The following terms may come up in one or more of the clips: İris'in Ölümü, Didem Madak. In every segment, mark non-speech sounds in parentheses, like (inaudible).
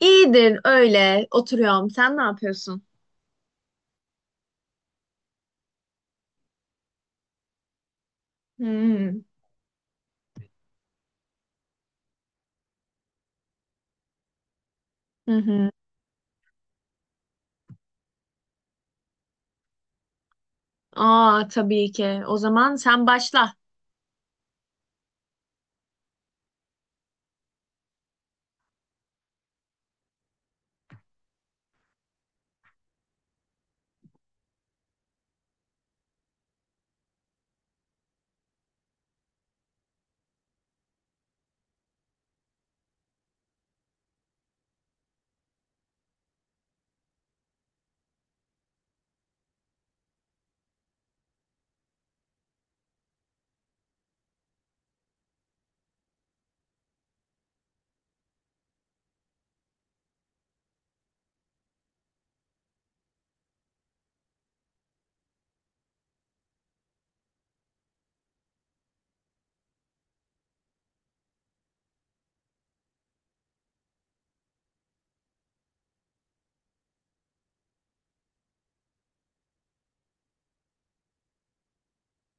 İyidir, öyle oturuyorum. Sen ne yapıyorsun? Hmm. Hı hı. Aa, tabii ki. O zaman sen başla.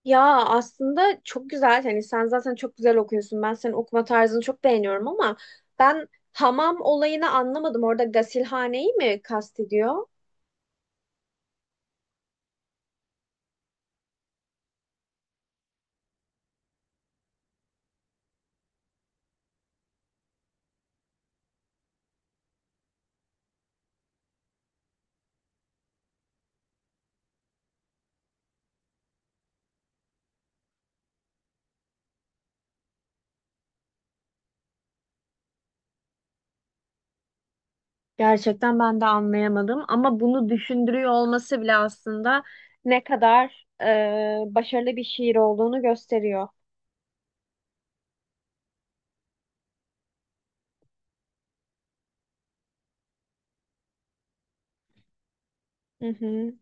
Ya aslında çok güzel. Hani sen zaten çok güzel okuyorsun. Ben senin okuma tarzını çok beğeniyorum ama ben hamam olayını anlamadım. Orada gasilhaneyi mi kastediyor? Gerçekten ben de anlayamadım ama bunu düşündürüyor olması bile aslında ne kadar başarılı bir şiir olduğunu gösteriyor. Hı hı.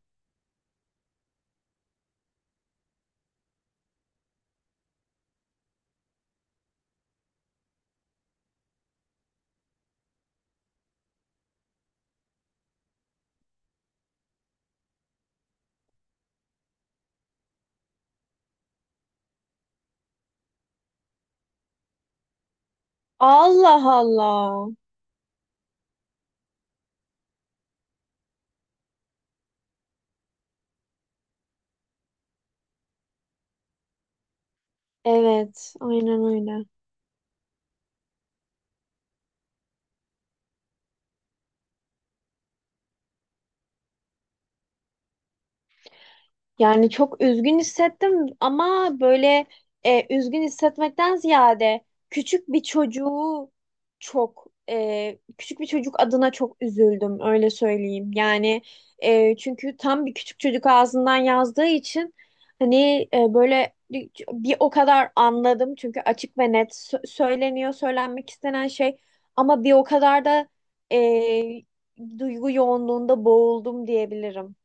Allah Allah. Evet, aynen öyle. Yani çok üzgün hissettim ama böyle üzgün hissetmekten ziyade küçük bir çocuğu çok küçük bir çocuk adına çok üzüldüm, öyle söyleyeyim. Yani çünkü tam bir küçük çocuk ağzından yazdığı için hani böyle bir o kadar anladım çünkü açık ve net söyleniyor söylenmek istenen şey, ama bir o kadar da e, duygu yoğunluğunda boğuldum diyebilirim.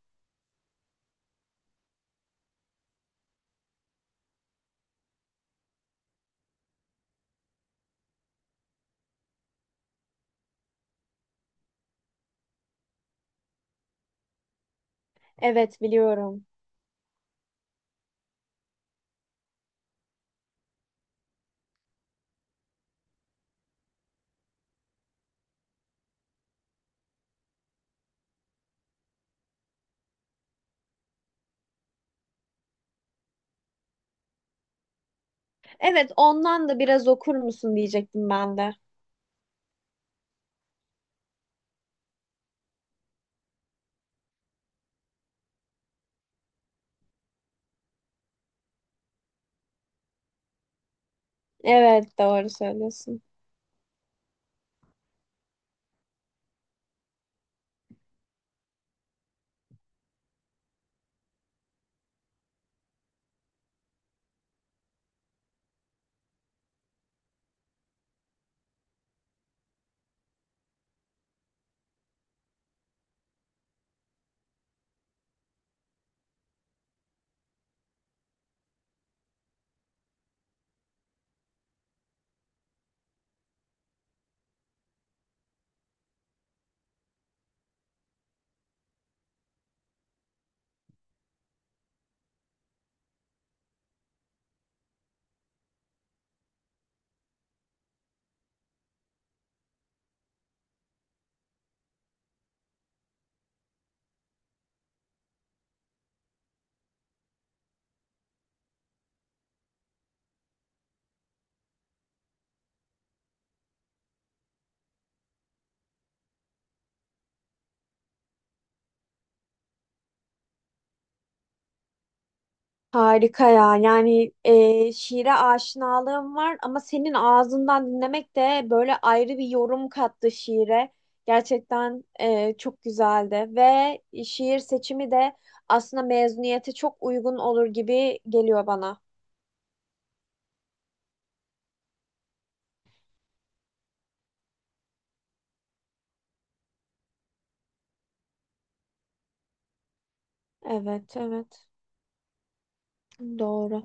Evet, biliyorum. Evet, ondan da biraz okur musun diyecektim ben de. Evet, doğru söylüyorsun. Harika ya, yani şiire aşinalığım var ama senin ağzından dinlemek de böyle ayrı bir yorum kattı şiire. Gerçekten çok güzeldi ve şiir seçimi de aslında mezuniyete çok uygun olur gibi geliyor bana. Evet, evet, doğru.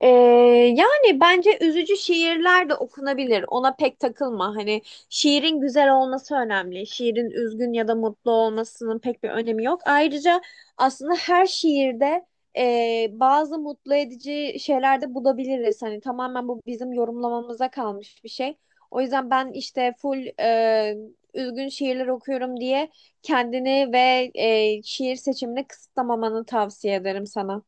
Ee, Yani bence üzücü şiirler de okunabilir. Ona pek takılma. Hani şiirin güzel olması önemli. Şiirin üzgün ya da mutlu olmasının pek bir önemi yok. Ayrıca aslında her şiirde bazı mutlu edici şeyler de bulabiliriz. Hani tamamen bu bizim yorumlamamıza kalmış bir şey. O yüzden ben işte full üzgün şiirler okuyorum diye kendini ve şiir seçimini kısıtlamamanı tavsiye ederim sana.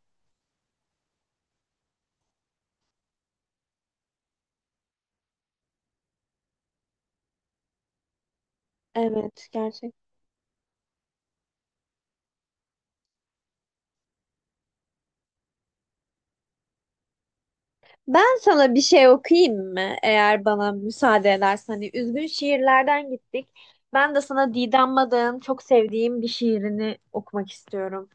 Evet, gerçekten. Ben sana bir şey okuyayım mı? Eğer bana müsaade edersen. Hani üzgün şiirlerden gittik. Ben de sana Didem Madak'ın çok sevdiğim bir şiirini okumak istiyorum.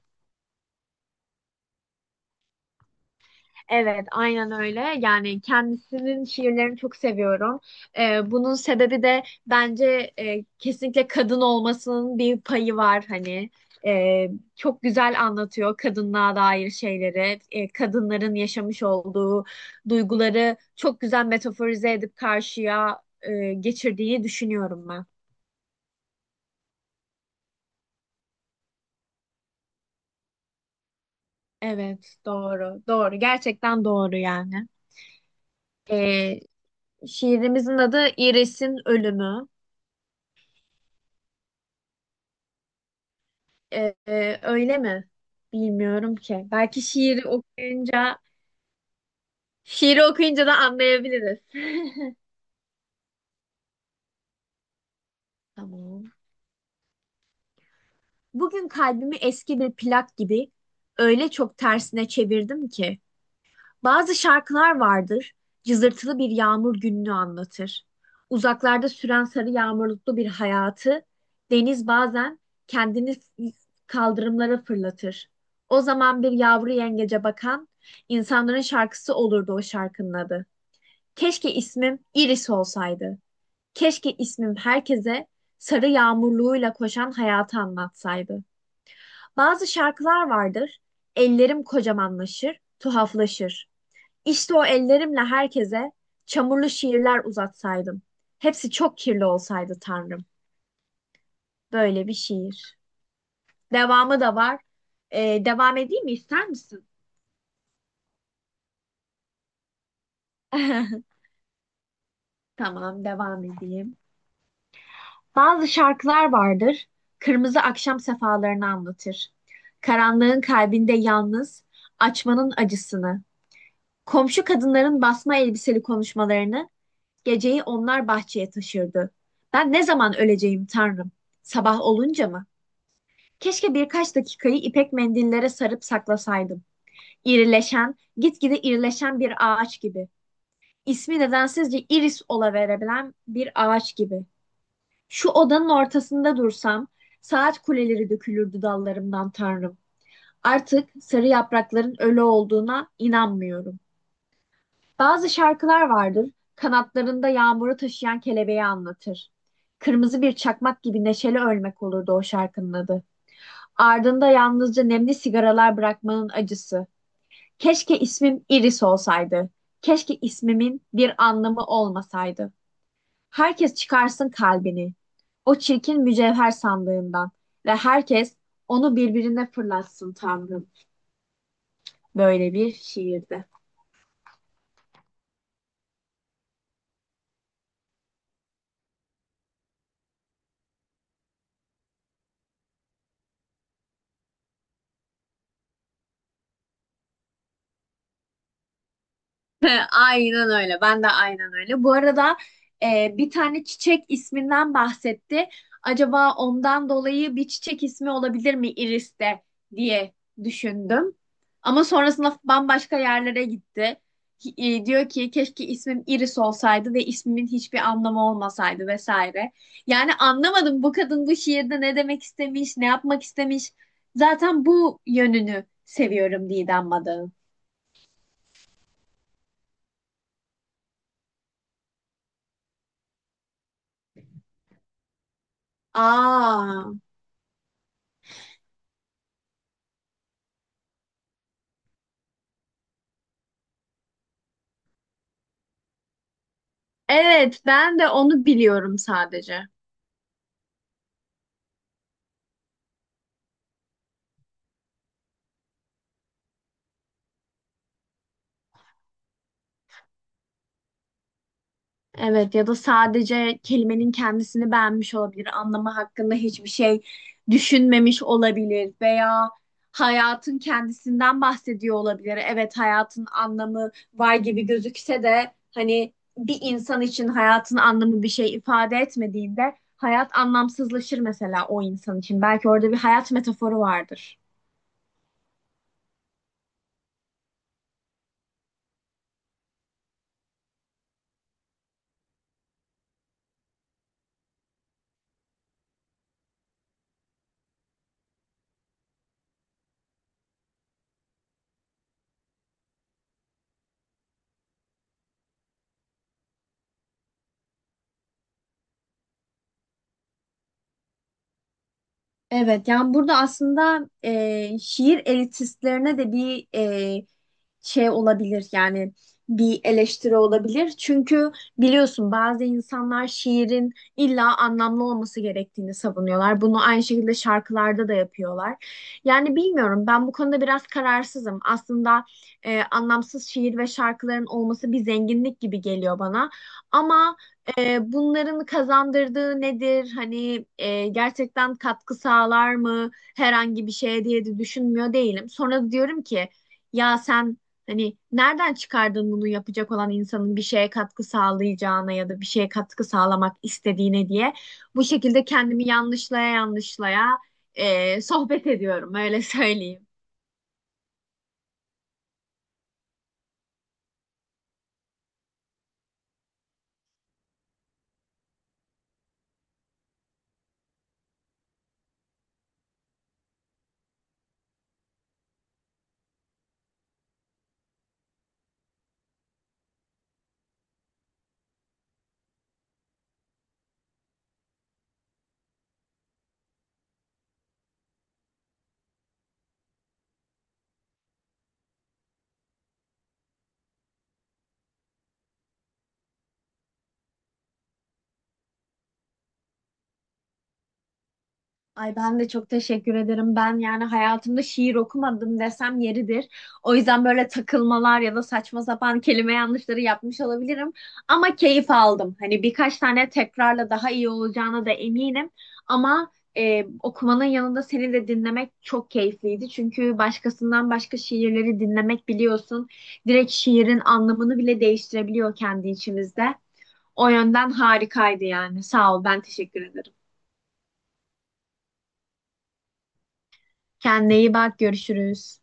Evet, aynen öyle. Yani kendisinin şiirlerini çok seviyorum. Bunun sebebi de bence kesinlikle kadın olmasının bir payı var hani. Ee, Çok güzel anlatıyor kadınlığa dair şeyleri. Kadınların yaşamış olduğu duyguları çok güzel metaforize edip karşıya geçirdiği düşünüyorum ben. Evet, doğru, doğru. Gerçekten doğru yani. Ee, Şiirimizin adı İris'in Ölümü. Öyle mi? Bilmiyorum ki. Belki şiiri okuyunca, şiiri okuyunca da anlayabiliriz. (laughs) Tamam. Bugün kalbimi eski bir plak gibi öyle çok tersine çevirdim ki bazı şarkılar vardır, cızırtılı bir yağmur gününü anlatır. Uzaklarda süren sarı yağmurluklu bir hayatı deniz bazen kendini kaldırımlara fırlatır. O zaman bir yavru yengece bakan insanların şarkısı olurdu o şarkının adı. Keşke ismim Iris olsaydı. Keşke ismim herkese sarı yağmurluğuyla koşan hayatı anlatsaydı. Bazı şarkılar vardır. Ellerim kocamanlaşır, tuhaflaşır. İşte o ellerimle herkese çamurlu şiirler uzatsaydım. Hepsi çok kirli olsaydı Tanrım. Böyle bir şiir. Devamı da var. Devam edeyim mi? İster misin? (laughs) Tamam, devam edeyim. Bazı şarkılar vardır. Kırmızı akşam sefalarını anlatır. Karanlığın kalbinde yalnız, açmanın acısını, komşu kadınların basma elbiseli konuşmalarını, geceyi onlar bahçeye taşırdı. Ben ne zaman öleceğim Tanrım? Sabah olunca mı? Keşke birkaç dakikayı ipek mendillere sarıp saklasaydım. İrileşen, gitgide irileşen bir ağaç gibi. İsmi nedensizce iris olaverebilen bir ağaç gibi. Şu odanın ortasında dursam, saat kuleleri dökülürdü dallarımdan Tanrım. Artık sarı yaprakların ölü olduğuna inanmıyorum. Bazı şarkılar vardır, kanatlarında yağmuru taşıyan kelebeği anlatır. Kırmızı bir çakmak gibi neşeli ölmek olurdu o şarkının adı. Ardında yalnızca nemli sigaralar bırakmanın acısı. Keşke ismim Iris olsaydı. Keşke ismimin bir anlamı olmasaydı. Herkes çıkarsın kalbini, o çirkin mücevher sandığından ve herkes onu birbirine fırlatsın Tanrım. Böyle bir şiirde. (laughs) Aynen öyle. Ben de aynen öyle. Bu arada bir tane çiçek isminden bahsetti. Acaba ondan dolayı bir çiçek ismi olabilir mi Iris'te diye düşündüm. Ama sonrasında bambaşka yerlere gitti. Diyor ki keşke ismim Iris olsaydı ve ismimin hiçbir anlamı olmasaydı vesaire. Yani anlamadım bu kadın bu şiirde ne demek istemiş, ne yapmak istemiş. Zaten bu yönünü seviyorum Didem Madak'ın. Aa. Evet, ben de onu biliyorum sadece. Evet, ya da sadece kelimenin kendisini beğenmiş olabilir. Anlamı hakkında hiçbir şey düşünmemiş olabilir veya hayatın kendisinden bahsediyor olabilir. Evet, hayatın anlamı var gibi gözükse de hani bir insan için hayatın anlamı bir şey ifade etmediğinde hayat anlamsızlaşır mesela o insan için. Belki orada bir hayat metaforu vardır. Evet, yani burada aslında şiir elitistlerine de bir şey olabilir, yani bir eleştiri olabilir. Çünkü biliyorsun bazı insanlar şiirin illa anlamlı olması gerektiğini savunuyorlar. Bunu aynı şekilde şarkılarda da yapıyorlar. Yani bilmiyorum, ben bu konuda biraz kararsızım. Aslında anlamsız şiir ve şarkıların olması bir zenginlik gibi geliyor bana. Ama bunların kazandırdığı nedir? Hani gerçekten katkı sağlar mı herhangi bir şeye diye de düşünmüyor değilim. Sonra da diyorum ki ya sen hani nereden çıkardın bunu yapacak olan insanın bir şeye katkı sağlayacağına ya da bir şeye katkı sağlamak istediğine diye, bu şekilde kendimi yanlışlaya yanlışlaya sohbet ediyorum, öyle söyleyeyim. Ay, ben de çok teşekkür ederim. Ben yani hayatımda şiir okumadım desem yeridir. O yüzden böyle takılmalar ya da saçma sapan kelime yanlışları yapmış olabilirim. Ama keyif aldım. Hani birkaç tane tekrarla daha iyi olacağına da eminim. Ama okumanın yanında seni de dinlemek çok keyifliydi. Çünkü başkasından başka şiirleri dinlemek, biliyorsun, direkt şiirin anlamını bile değiştirebiliyor kendi içimizde. O yönden harikaydı yani. Sağ ol, ben teşekkür ederim. Kendine iyi bak, görüşürüz.